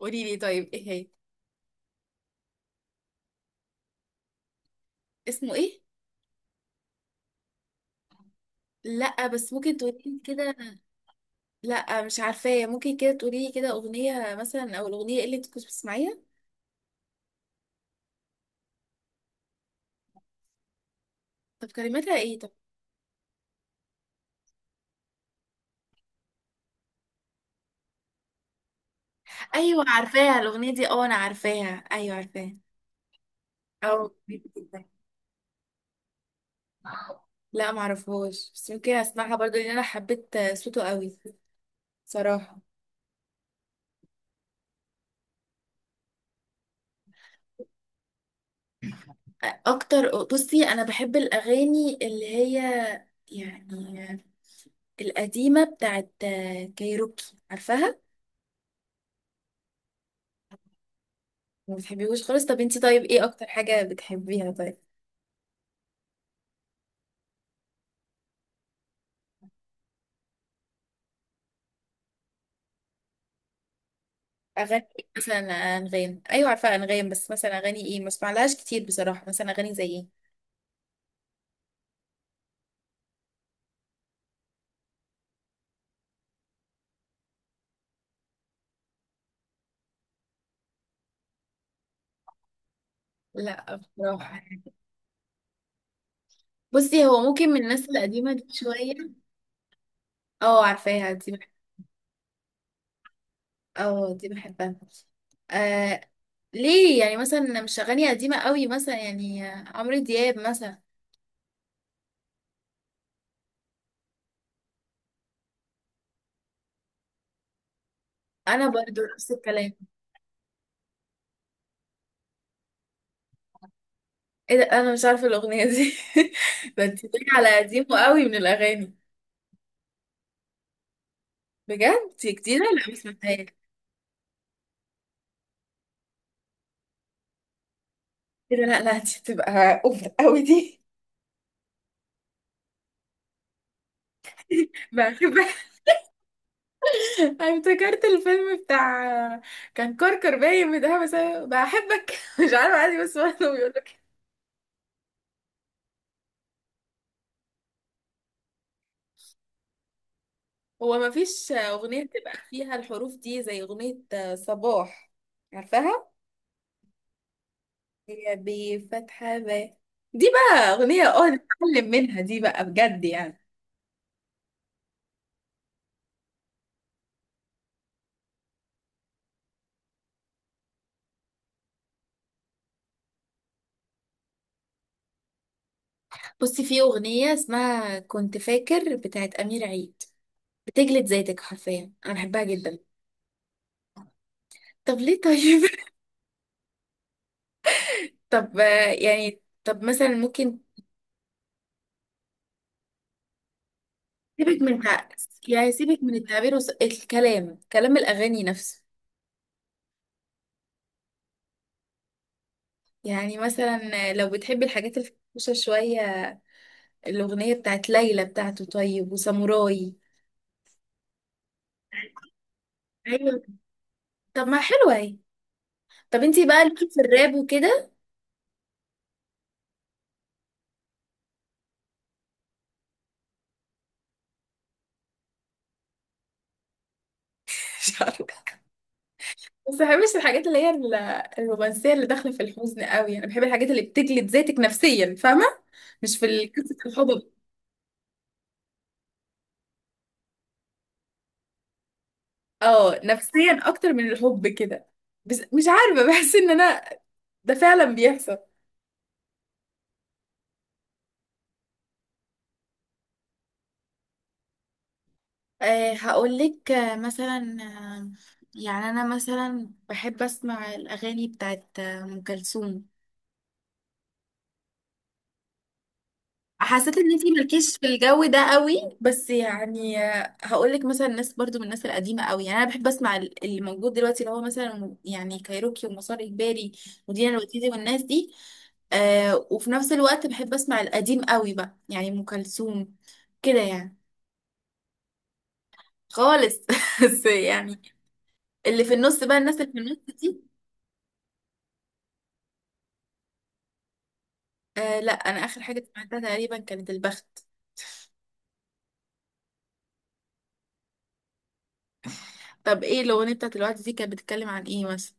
قولي لي طيب، ايه هي؟ اسمه ايه؟ لا، بس ممكن تقولي لي كده. لا، مش عارفاه، ممكن كده تقولي لي كده اغنيه مثلا، او الاغنيه إيه اللي انت كنت بتسمعيها. طب كلماتها ايه طب؟ ايوه، عارفاها الاغنيه دي، اه انا عارفاها، ايوه عارفاها. او لا معرفهاش، بس ممكن اسمعها برضو لان انا حبيت صوته قوي، صراحه. اكتر؟ بصي انا بحب الاغاني اللي هي يعني القديمه بتاعت كايروكي، عارفاها. ما بتحبيهوش خالص؟ طب انتي طيب، ايه اكتر حاجة بتحبيها طيب؟ اغاني إيه؟ مثلا؟ انغام، ايوه عارفة انغام، بس مثلا اغاني ايه؟ ما اسمعلهاش كتير بصراحة، مثلا اغاني زي ايه؟ لا بصراحة. بصي هو ممكن من الناس القديمة دي شوية. اه عارفاها دي اه دي بحبها. آه. ليه؟ يعني مثلا مش اغاني قديمة قوي، مثلا يعني عمرو دياب مثلا. انا برضو نفس الكلام. ايه ده؟ انا مش عارفة الاغنية دي. ده انت على قديمه قوي من الاغاني. بجد دي جديدة؟ لا ما سمعتهاش. كده؟ لا لا، دي هتبقى اوفر قوي دي. بحب. أنا افتكرت الفيلم بتاع كان كركر باين بتاع بس أنا بحبك. مش عارفه، عادي، بس هو كانوا بيقولوا كده. هو ما فيش اغنيه بتبقى فيها الحروف دي زي اغنيه صباح، عارفاها؟ هي بفتحة ب. دي بقى اغنيه اه نتعلم منها، دي بقى بجد يعني. بصي، في اغنيه اسمها كنت فاكر بتاعت امير عيد، بتجلد ذاتك حرفيا، انا بحبها جدا. طب ليه طيب؟ طب يعني، طب مثلا ممكن سيبك من تع- يعني سيبك من التعبير الكلام، كلام الأغاني نفسه. يعني مثلا لو بتحبي الحاجات الفرفوشة شوية، الأغنية بتاعت ليلى بتاعته، طيب، وساموراي. ايوه. طب ما حلوة اهي. طب انتي بقى ليكي في الراب وكده؟ مش عارفة. بس ما بحبش الحاجات اللي هي الرومانسية اللي داخلة في الحزن قوي، انا بحب الحاجات اللي بتجلد ذاتك نفسيا، فاهمة؟ مش في قصة الحب. اه، نفسيا اكتر من الحب كده. بس مش عارفة، بحس ان انا ده فعلا بيحصل. أه هقولك، مثلا، يعني أنا مثلا بحب أسمع الأغاني بتاعت أم كلثوم. حسيت ان انتي مالكيش في الجو ده قوي، بس يعني هقول لك مثلا ناس برضو من الناس القديمه قوي، يعني انا بحب اسمع اللي موجود دلوقتي، اللي هو مثلا يعني كايروكي ومسار اجباري ودينا الوتيدي والناس دي. وفي نفس الوقت بحب اسمع القديم قوي بقى، يعني ام كلثوم كده يعني. خالص. بس يعني اللي في النص بقى، الناس اللي في النص دي. آه لا، انا اخر حاجه سمعتها تقريبا كانت البخت. طب ايه الاغنيه بتاعت الوقت دي كانت بتتكلم عن ايه مثلا؟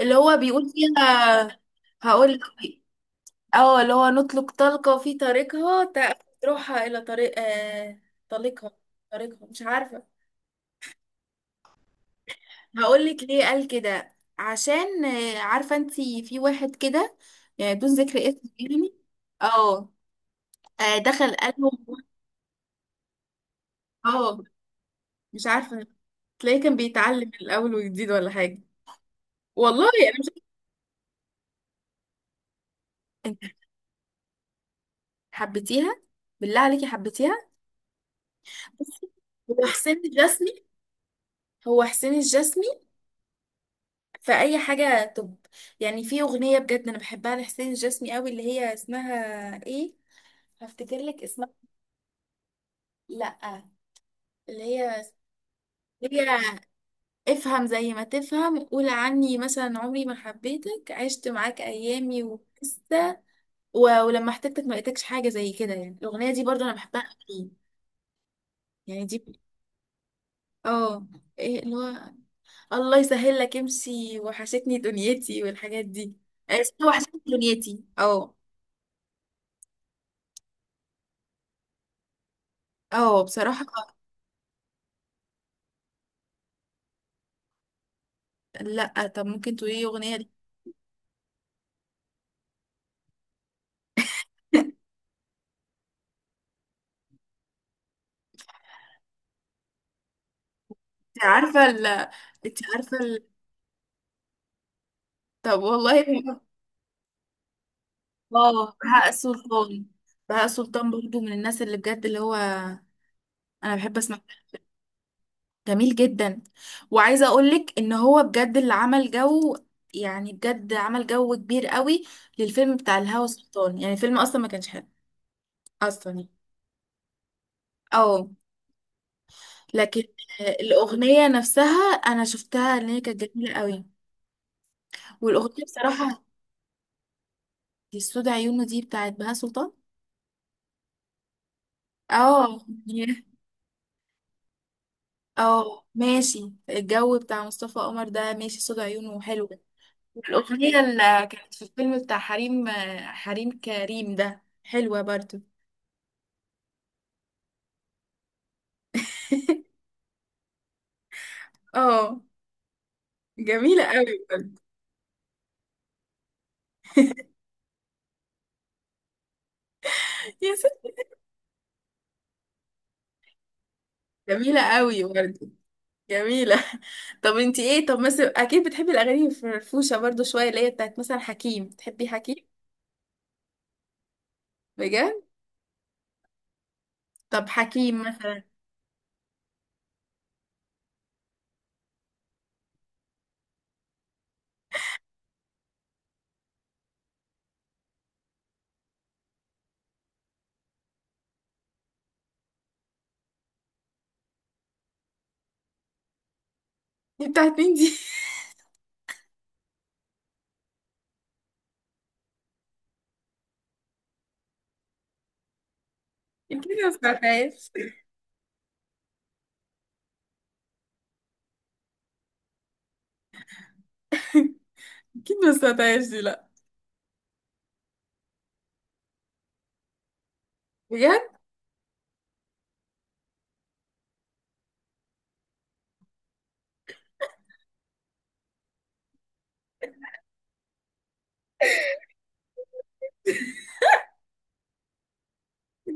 اللي هو بيقول فيها؟ هقول لك، اه اللي هو نطلق طلقة في طريقها تروحها إلى طريق طليقها، طريقها، مش عارفة. هقول لك ليه قال كده، عشان عارفة انتي، في واحد كده يعني، دون ذكر اسم يعني. اه. دخل قالهم. اه مش عارفة، تلاقيه كان بيتعلم من الأول وجديد ولا حاجة. والله أنا مش... انت حبيتيها؟ بالله عليكي حبيتيها؟ بصي هو حسين الجسمي، هو حسين الجسمي. فأي حاجة طب، يعني في أغنية بجد أنا بحبها لحسين الجسمي قوي، اللي هي اسمها إيه؟ هفتكر لك اسمها. لأ، اللي هي اللي هي افهم زي ما تفهم، قول عني، مثلا عمري ما حبيتك، عشت معاك أيامي ولسه و... ولما احتجتك ما لقيتكش، حاجة زي كده يعني. الأغنية دي برضو أنا بحبها قوي، يعني دي. اه، إيه اللي هو الله يسهل لك امشي، وحشتني دنيتي، والحاجات دي. وحشتني دنيتي اه. اه بصراحة. لا طب ممكن تقولي لي اغنيه لي. انت عارفه ال انت عارفه ال... طب والله. اه بهاء سلطان، بهاء سلطان برضو من الناس اللي بجد اللي هو انا بحب اسمع، جميل جدا. وعايزه اقولك ان هو بجد اللي عمل جو، يعني بجد عمل جو كبير قوي للفيلم بتاع الهوى سلطان، يعني الفيلم اصلا ما كانش حلو اصلا يعني. اه. لكن الاغنيه نفسها انا شفتها ان هي كانت جميله قوي. والاغنيه بصراحه دي، السود عيونه دي بتاعت بهاء سلطان. اه يعني- اه ماشي، الجو بتاع مصطفى قمر ده ماشي، صوت عيونه حلو. الأغنية اللي كانت في الفيلم بتاع حريم، حريم كريم، ده حلوة برضو. اه جميلة قوي برضو. يا ست، جميلة قوي برضو، جميلة. طب انتي ايه طب مثلا، اكيد بتحبي الاغاني الفرفوشة برضو شوية، اللي هي بتاعت مثلا حكيم، بتحبي حكيم؟ بجد؟ طب حكيم مثلا. دي بتاعت مين دي؟ اكيد ما سمعتهاش. اكيد ما سمعتهاش دي، لا. بجد؟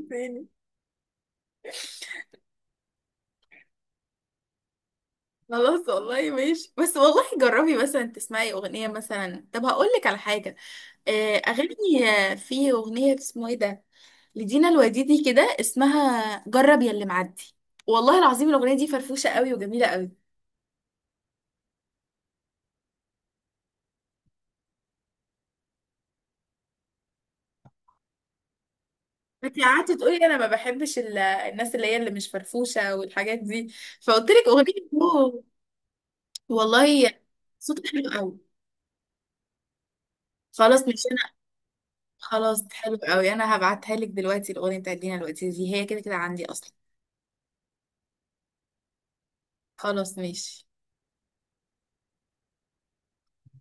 تاني؟ خلاص، والله ماشي، بس والله جربي مثلا تسمعي اغنيه مثلا. طب هقول لك على حاجه، اغاني، في اغنيه اسمه ايه ده لدينا الوديدي كده، اسمها جرب يا اللي معدي. والله العظيم الاغنيه دي فرفوشه قوي، وجميله قوي. انت قعدتي تقولي انا ما بحبش الناس اللي هي اللي مش فرفوشه والحاجات دي، فقلت لك اغنيه، أوه، والله. صوتها حلو قوي. خلاص، مش انا. خلاص حلو قوي، انا هبعتها لك دلوقتي. الاغنيه بتاعت لينا الوديدي دي هي كده كده عندي اصلا. خلاص ماشي.